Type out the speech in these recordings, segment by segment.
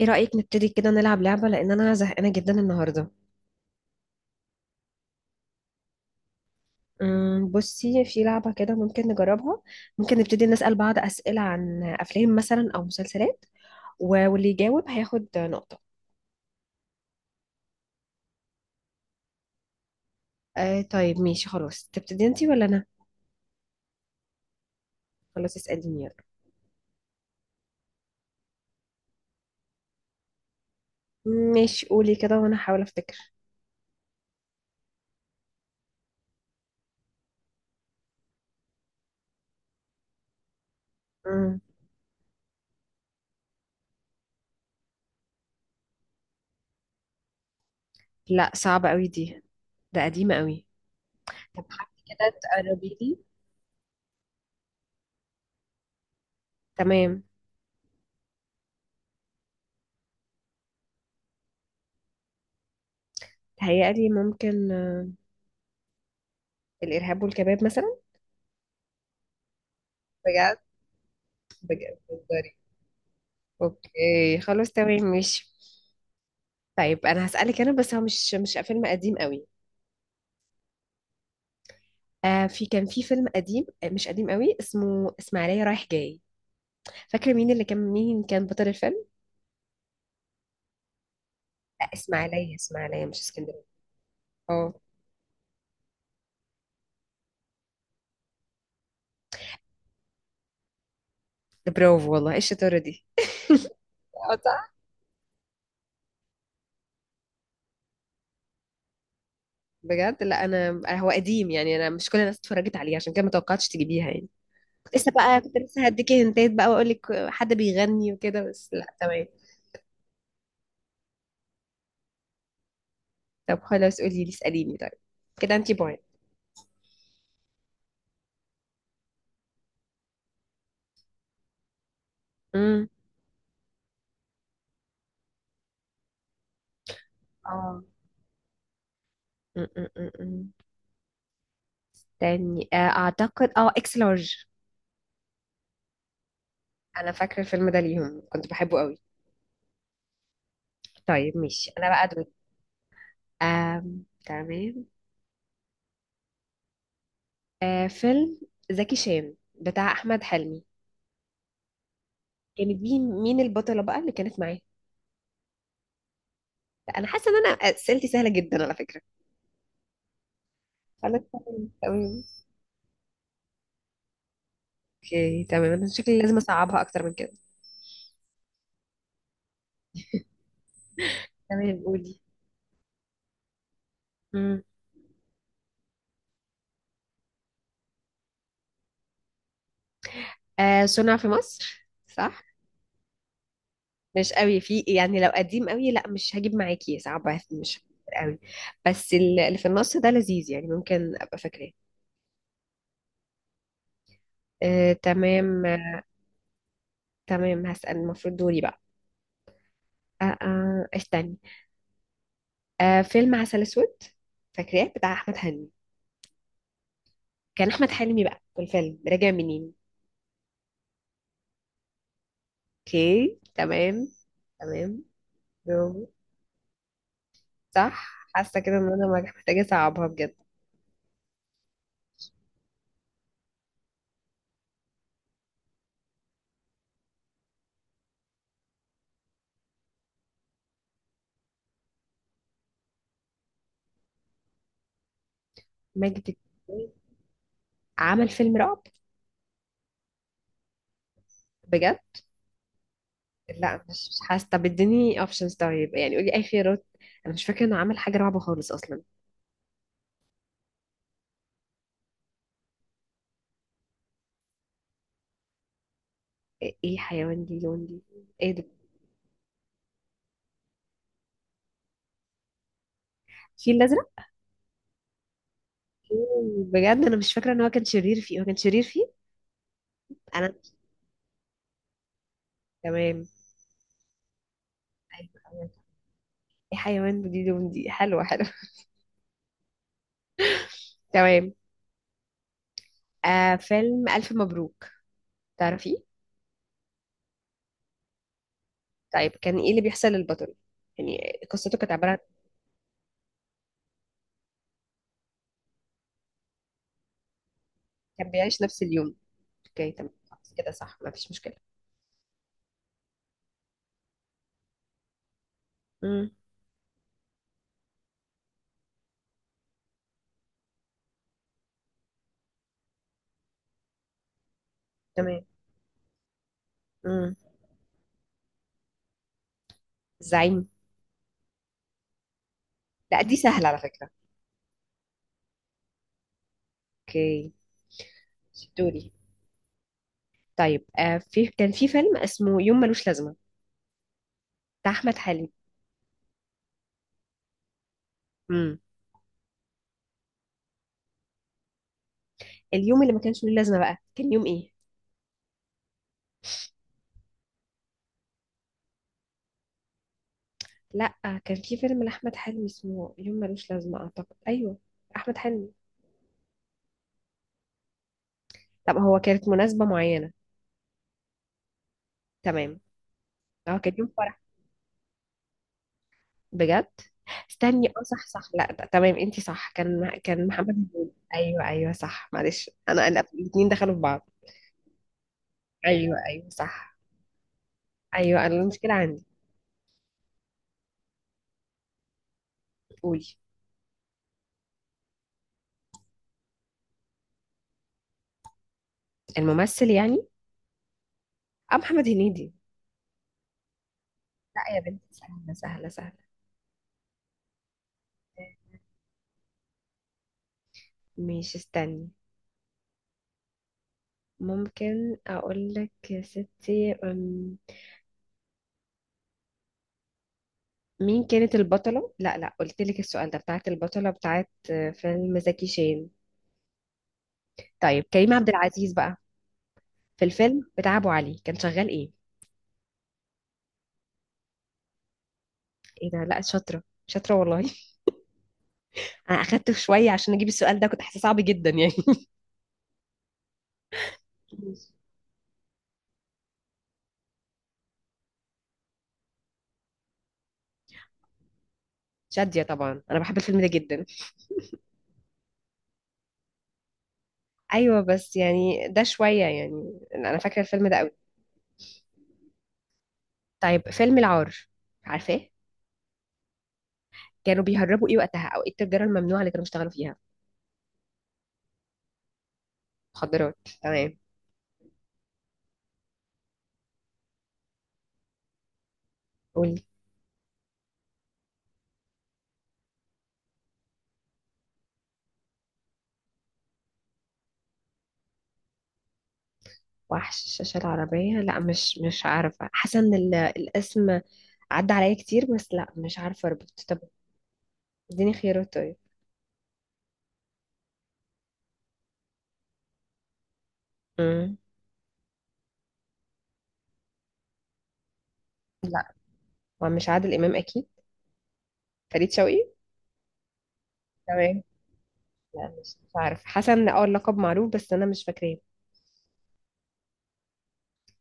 ايه رأيك نبتدي كده نلعب لعبة لأن أنا زهقانة جدا النهاردة. بصي في لعبة كده ممكن نجربها. ممكن نبتدي نسأل بعض أسئلة عن أفلام مثلا أو مسلسلات. واللي يجاوب هياخد نقطة. آه طيب ماشي خلاص، تبتدي انتي ولا أنا؟ خلاص اسأليني يلا. ماشي قولي كده وأنا هحاول أفتكر. أمم، لا صعبة أوي دي، ده قديمة أوي. طب حاولي كده تقربي لي. تمام. تهيألي ممكن الإرهاب والكباب مثلا. بجد؟ بجد؟ اوكي خلاص تمام ماشي. طيب انا هسألك انا بس، هو مش فيلم قديم قوي. آه في كان في فيلم قديم، مش قديم قوي، اسمه اسماعيلية رايح جاي. فاكرة مين اللي كان، مين كان بطل الفيلم؟ آه اسماعيلية، اسماعيلية مش اسكندرية. اه. ده برافو والله، ايه الشطارة دي. اه صح. بجد لا انا هو قديم يعني، انا مش كل الناس اتفرجت عليه، عشان كده ما توقعتش تجيبيها يعني. كنت لسه بقى، كنت لسه هديكي هنتات بقى واقول لك حد بيغني وكده، بس لا تمام. طب خلاص قولي لي اسأليني طيب. كده انتي بوينت. امم. اه م- م- م- م. تاني اعتقد اه اكس لارج. انا فاكره الفيلم ده ليهم، كنت بحبه قوي. طيب ماشي انا بقى دول. تمام. فيلم زكي شان بتاع احمد حلمي، كانت مين، مين البطله بقى اللي كانت معاه؟ لا، انا حاسه ان انا اسئلتي سهله جدا على فكره. انا تمام تمام. اوكي تمام، انا شكلي لازم اصعبها اكتر من كده. تمام قولي. مم. آه صنع في مصر صح. مش قوي في يعني، لو قديم قوي لا مش هجيب معاكي، صعب، مش فاكر قوي. بس اللي في النص ده لذيذ يعني ممكن ابقى فاكراه. تمام تمام. هسأل، المفروض دوري بقى. استني. فيلم عسل اسود، فاكراه بتاع احمد حلمي. كان احمد حلمي بقى في الفيلم راجع منين؟ اوكي تمام. تمام. برافو. صح، حاسه كده ان انا محتاجه اصعبها بجد. ماجد الكدواني عمل فيلم رعب؟ بجد؟ لا مش حاسه، طب اديني اوبشنز طيب، يعني قولي اي خيارات. انا مش فاكره انه عمل حاجه رعب خالص اصلا. ايه، إيه حيوان ليه لون ليه؟ ايه ده؟ الفيل الازرق. بجد انا مش فاكره ان هو كان شرير فيه، هو كان شرير فيه؟ انا، تمام. ايوه أيوة. ايه حيوان دي لون دي، حلوه حلوه. تمام. آه فيلم الف مبروك، تعرفيه؟ طيب كان ايه اللي بيحصل للبطل يعني، قصته كانت عباره عن؟ كان بيعيش نفس اليوم. اوكي تمام خلاص كده صح، ما فيش مشكله. امم. تمام. امم. الزعيم. لا دي سهلة على فكرة. اوكي. دوري. طيب في كان في فيلم اسمه يوم ملوش لازمة بتاع أحمد حلمي. امم. اليوم اللي ما كانش له لازمة بقى كان يوم ايه؟ لا كان في فيلم لأحمد حلمي اسمه يوم ملوش لازمة أعتقد، أيوه، أحمد حلمي. طب هو كانت مناسبة معينة؟ تمام. اه كان يوم فرح. بجد؟ استني، اه صح صح، لا ده تمام انتي صح، كان كان محمد هنيدي، ايوه ايوه صح، معلش انا، انا الاثنين دخلوا في بعض. ايوه ايوه صح. ايوه انا المشكلة عندي. قولي. الممثل يعني؟ اه محمد هنيدي. لا يا بنتي، سهلة سهلة سهلة. مش، استني، ممكن اقول لك يا ستي، مين كانت البطلة، لا لا قلت لك السؤال ده، بتاعت البطلة بتاعت فيلم زكي شان. طيب كريم عبد العزيز بقى، في الفيلم بتاع ابو علي كان شغال ايه؟ ايه ده، لا شاطرة شاطرة والله. انا اخدت شوية عشان اجيب السؤال ده، كنت حاسة صعب جدا يعني. شادية طبعا، انا بحب الفيلم ده جدا. ايوه بس يعني ده شوية، يعني انا فاكرة الفيلم ده. طيب فيلم العار، عارفاه؟ كانوا بيهربوا ايه وقتها، او ايه التجاره الممنوعه اللي كانوا بيشتغلوا فيها؟ مخدرات تمام. قولي. وحش الشاشه العربيه، لا مش مش عارفه، حاسه ان الاسم عدى عليا كتير، بس لا مش عارفه اربط، طب اديني خيارات طيب. امم. لا، هو مش عادل امام اكيد، فريد شوقي. تمام. لا مش مش عارفه، حاسه ان اه اللقب معروف بس انا مش فاكراه.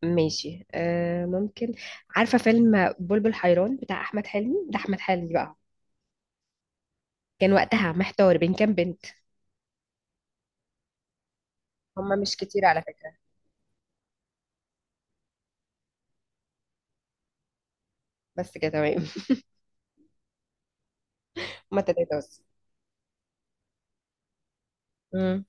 ماشي آه ممكن، عارفه فيلم بلبل حيران بتاع احمد حلمي؟ ده احمد حلمي بقى كان وقتها محتار بين كام بنت؟ هما مش كتير على فكرة. بس كده تمام. هما تلاتة بس. امم.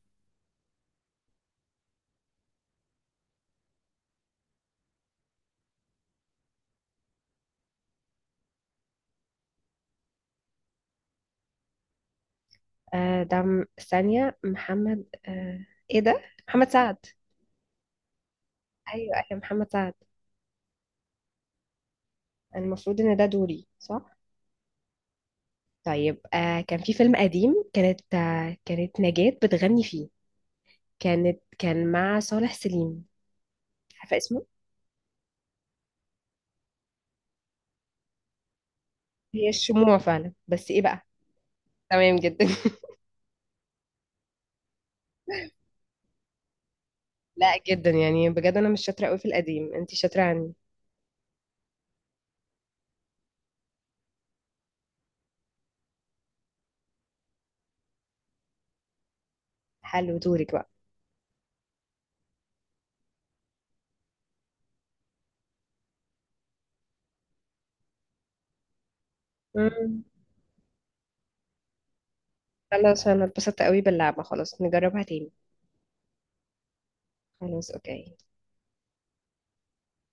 آه ده ثانية محمد آه، ايه ده، محمد سعد. ايوه ايوه محمد سعد. المفروض ان ده دوري صح؟ طيب كان في فيلم قديم، كانت كانت نجاة بتغني فيه، كانت كان مع صالح سليم، عارفة اسمه؟ هي الشموع فعلا بس ايه بقى؟ تمام جدا. لا جدا يعني بجد، انا مش شاطرة قوي في القديم، انتي شاطرة عني. حلو، دورك بقى. امم. خلاص انا اتبسطت قوي باللعبة، خلاص نجربها تاني. خلاص اوكي.